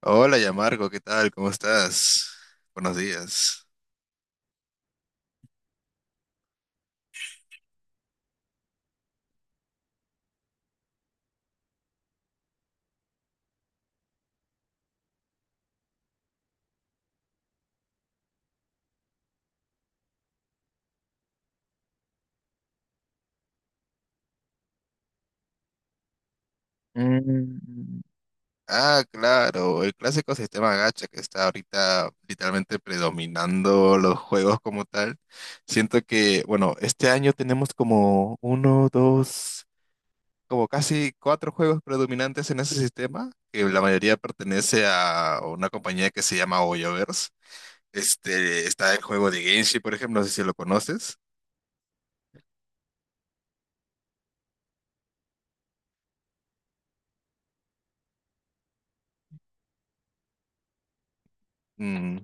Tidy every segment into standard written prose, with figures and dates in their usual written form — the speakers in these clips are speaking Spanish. Hola, Yamarco, ¿qué tal? ¿Cómo estás? Buenos días. Mm. Ah, claro, el clásico sistema gacha que está ahorita literalmente predominando los juegos como tal. Siento que, bueno, este año tenemos como uno, dos, como casi cuatro juegos predominantes en ese sistema, que la mayoría pertenece a una compañía que se llama Hoyoverse. Este, está el juego de Genshin, por ejemplo, no sé si lo conoces. Mm.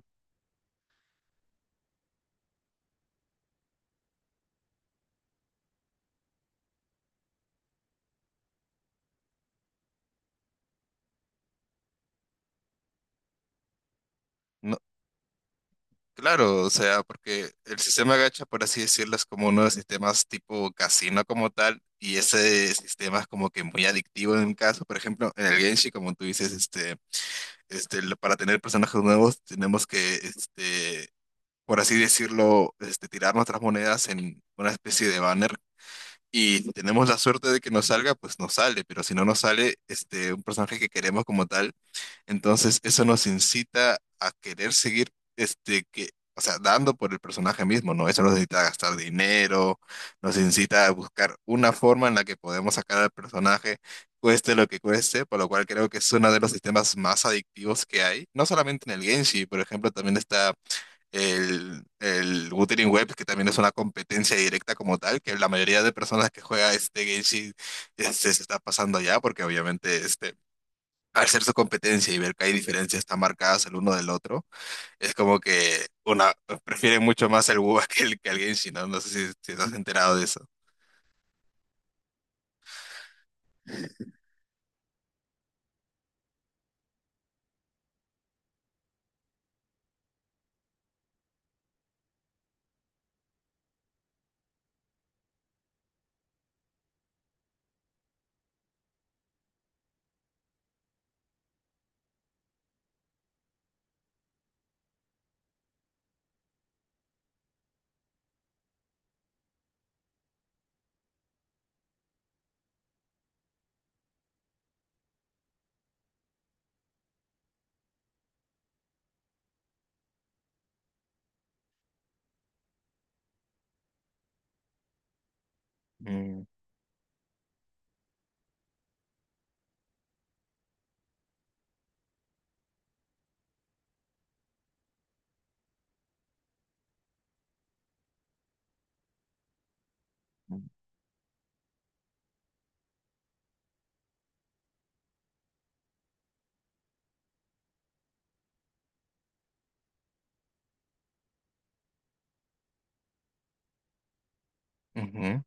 Claro, o sea, porque el sistema gacha, por así decirlo, es como uno de los sistemas tipo casino como tal, y ese sistema es como que muy adictivo en un caso, por ejemplo, en el Genshin, como tú dices, este, para tener personajes nuevos tenemos que, este, por así decirlo, este, tirar nuestras monedas en una especie de banner, y si tenemos la suerte de que nos salga, pues nos sale, pero si no nos sale, este, un personaje que queremos como tal, entonces eso nos incita a querer seguir, este, que, o sea, dando por el personaje mismo, ¿no? Eso nos incita a gastar dinero, nos incita a buscar una forma en la que podemos sacar al personaje, cueste lo que cueste, por lo cual creo que es uno de los sistemas más adictivos que hay. No solamente en el Genshin, por ejemplo, también está el Wuthering Web, que también es una competencia directa como tal, que la mayoría de personas que juega este Genshin, este, se está pasando ya, porque obviamente, este, al ser su competencia y ver que hay diferencias tan marcadas el uno del otro, es como que una prefieren mucho más el Wu que el Genshin, ¿no? No sé si estás enterado de eso. Mm, ujú,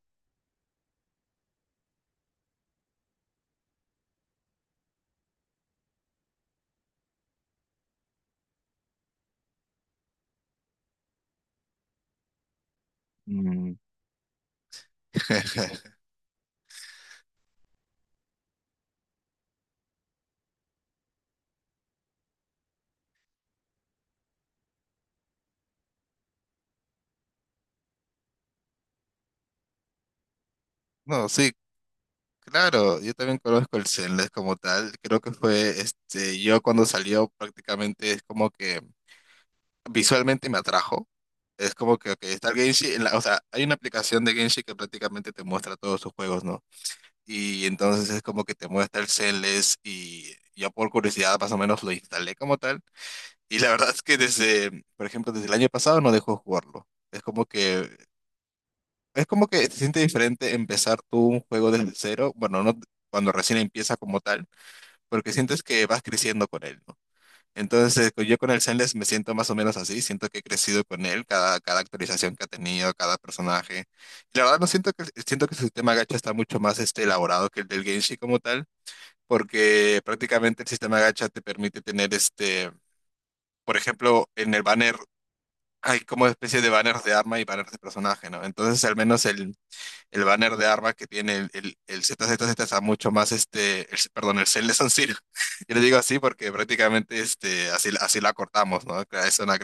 mm. No, sí, claro, yo también conozco el Zenless como tal. Creo que fue, este, yo cuando salió prácticamente es como que visualmente me atrajo. Es como que ok, está el Genshin, en o sea, hay una aplicación de Genshin que prácticamente te muestra todos sus juegos, ¿no? Y entonces es como que te muestra el setlist y yo por curiosidad más o menos lo instalé como tal, y la verdad es que desde, por ejemplo, desde el año pasado no dejó jugarlo. Es como que se siente diferente empezar tú un juego desde cero, bueno, no cuando recién empieza como tal, porque sientes que vas creciendo con él, ¿no? Entonces, yo con el Zenless me siento más o menos así, siento que he crecido con él, cada, cada actualización que ha tenido, cada personaje. Y la verdad no siento que siento que su sistema gacha está mucho más, este, elaborado que el del Genshin como tal, porque prácticamente el sistema gacha te permite tener, este, por ejemplo, en el banner hay como especie de banners de arma y banners de personaje, ¿no? Entonces al menos el banner de arma que tiene el ZZZ está mucho más, este, perdón, el Cell de San Siro. Yo le digo así porque prácticamente, este, así, así la cortamos, ¿no? Es una.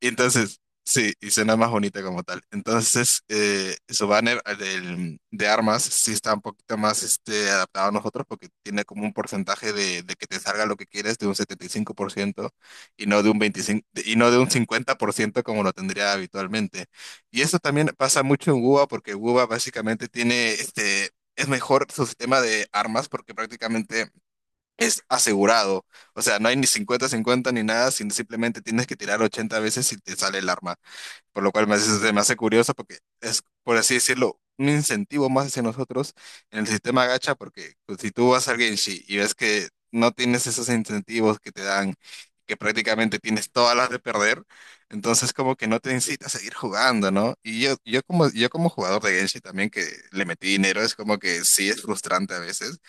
Y entonces, sí, y suena más bonita como tal. Entonces, su banner, de armas, sí está un poquito más, este, adaptado a nosotros porque tiene como un porcentaje de que te salga lo que quieres de un 75%, y no de un 25, y no de un 50% como lo tendría habitualmente. Y eso también pasa mucho en WUBA porque WUBA básicamente tiene este... Es mejor su sistema de armas porque prácticamente es asegurado. O sea, no hay ni cincuenta cincuenta ni nada, sino simplemente tienes que tirar 80 veces y te sale el arma. Por lo cual me hace, se me hace curioso porque es, por así decirlo, un incentivo más hacia nosotros en el sistema gacha, porque pues, si tú vas al Genshin y ves que no tienes esos incentivos que te dan, que prácticamente tienes todas las de perder, entonces como que no te incita a seguir jugando, ¿no? Y yo como jugador de Genshin también que le metí dinero, es como que sí es frustrante a veces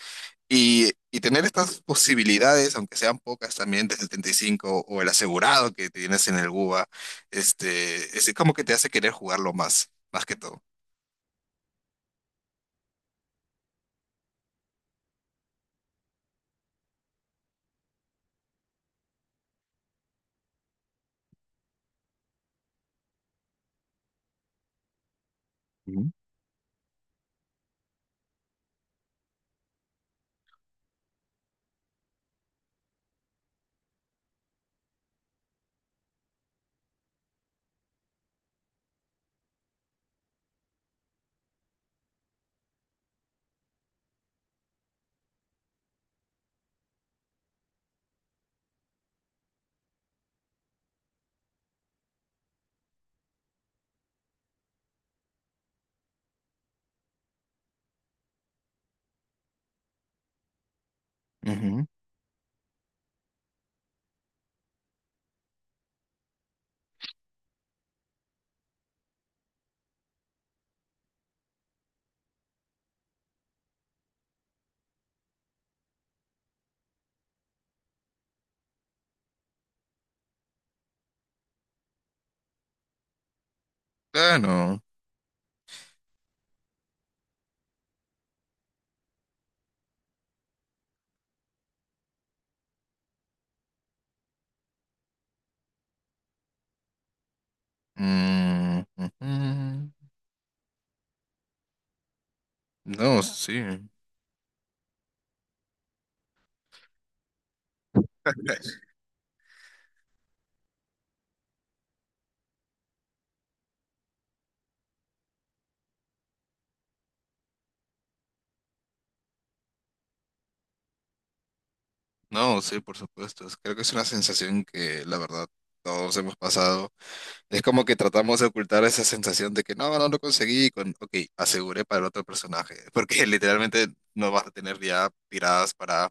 y tener estas posibilidades, aunque sean pocas también, de 75 o el asegurado que tienes en el GUBA, este, es como que te hace querer jugarlo más, más que todo. Ujú, ujú. Claro. Mm, ujú. No, sí. No, sí, por supuesto. Creo que es una sensación que la verdad todos hemos pasado. Es como que tratamos de ocultar esa sensación de que no, no lo conseguí con, ok, aseguré para el otro personaje, porque literalmente no vas a tener ya tiradas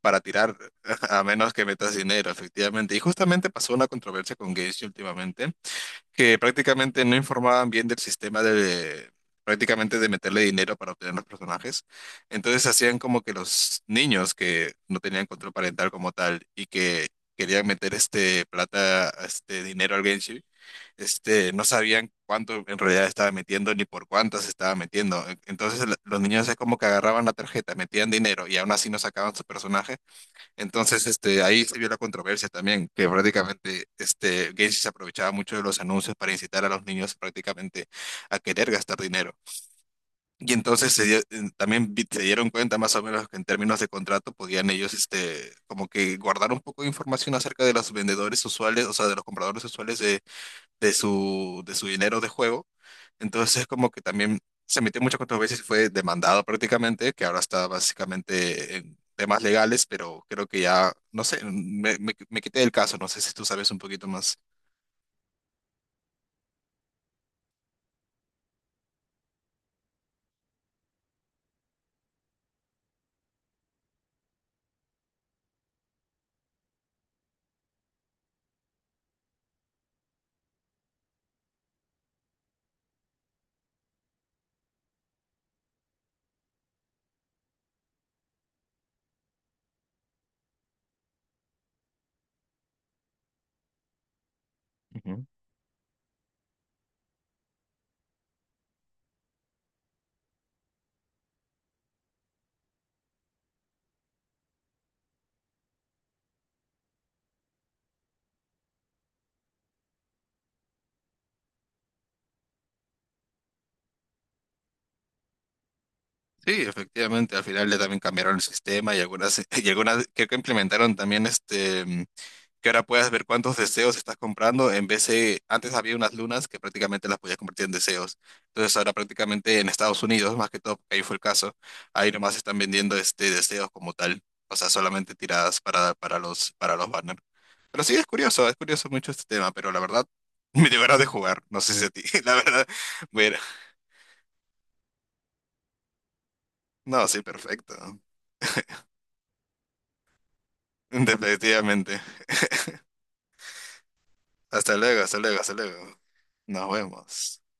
para tirar, a menos que metas dinero, efectivamente. Y justamente pasó una controversia con Genshin últimamente, que prácticamente no informaban bien del sistema de, prácticamente de meterle dinero para obtener los personajes. Entonces hacían como que los niños que no tenían control parental como tal y que querían meter este plata, este dinero al Genshin, este, no sabían cuánto en realidad estaba metiendo ni por cuántas estaba metiendo. Entonces los niños es como que agarraban la tarjeta, metían dinero y aún así no sacaban su personaje, entonces, este, ahí se vio la controversia también, que prácticamente, este, Gacy se aprovechaba mucho de los anuncios para incitar a los niños prácticamente a querer gastar dinero. Y entonces también se dieron cuenta más o menos que en términos de contrato podían ellos, este, como que guardar un poco de información acerca de los vendedores usuales, o sea, de los compradores usuales de su dinero de juego. Entonces, es como que también se metió muchas controversia y fue demandado prácticamente, que ahora está básicamente en temas legales, pero creo que ya, no sé, me quité del caso, no sé si tú sabes un poquito más. Ujú. Sí, efectivamente, al final le también cambiaron el sistema y algunas, y algunas creo que implementaron también este. Que ahora puedas ver cuántos deseos estás comprando, en vez de, antes había unas lunas que prácticamente las podías convertir en deseos. Entonces ahora prácticamente en Estados Unidos, más que todo, porque ahí fue el caso, ahí nomás están vendiendo este deseos como tal, o sea, solamente tiradas para los banners. Pero sí, es curioso mucho este tema, pero la verdad, me dio ganas de jugar, no sé si a ti, la verdad, bueno, no, sí, perfecto, definitivamente. Hasta luego, hasta luego, hasta luego. Nos vemos.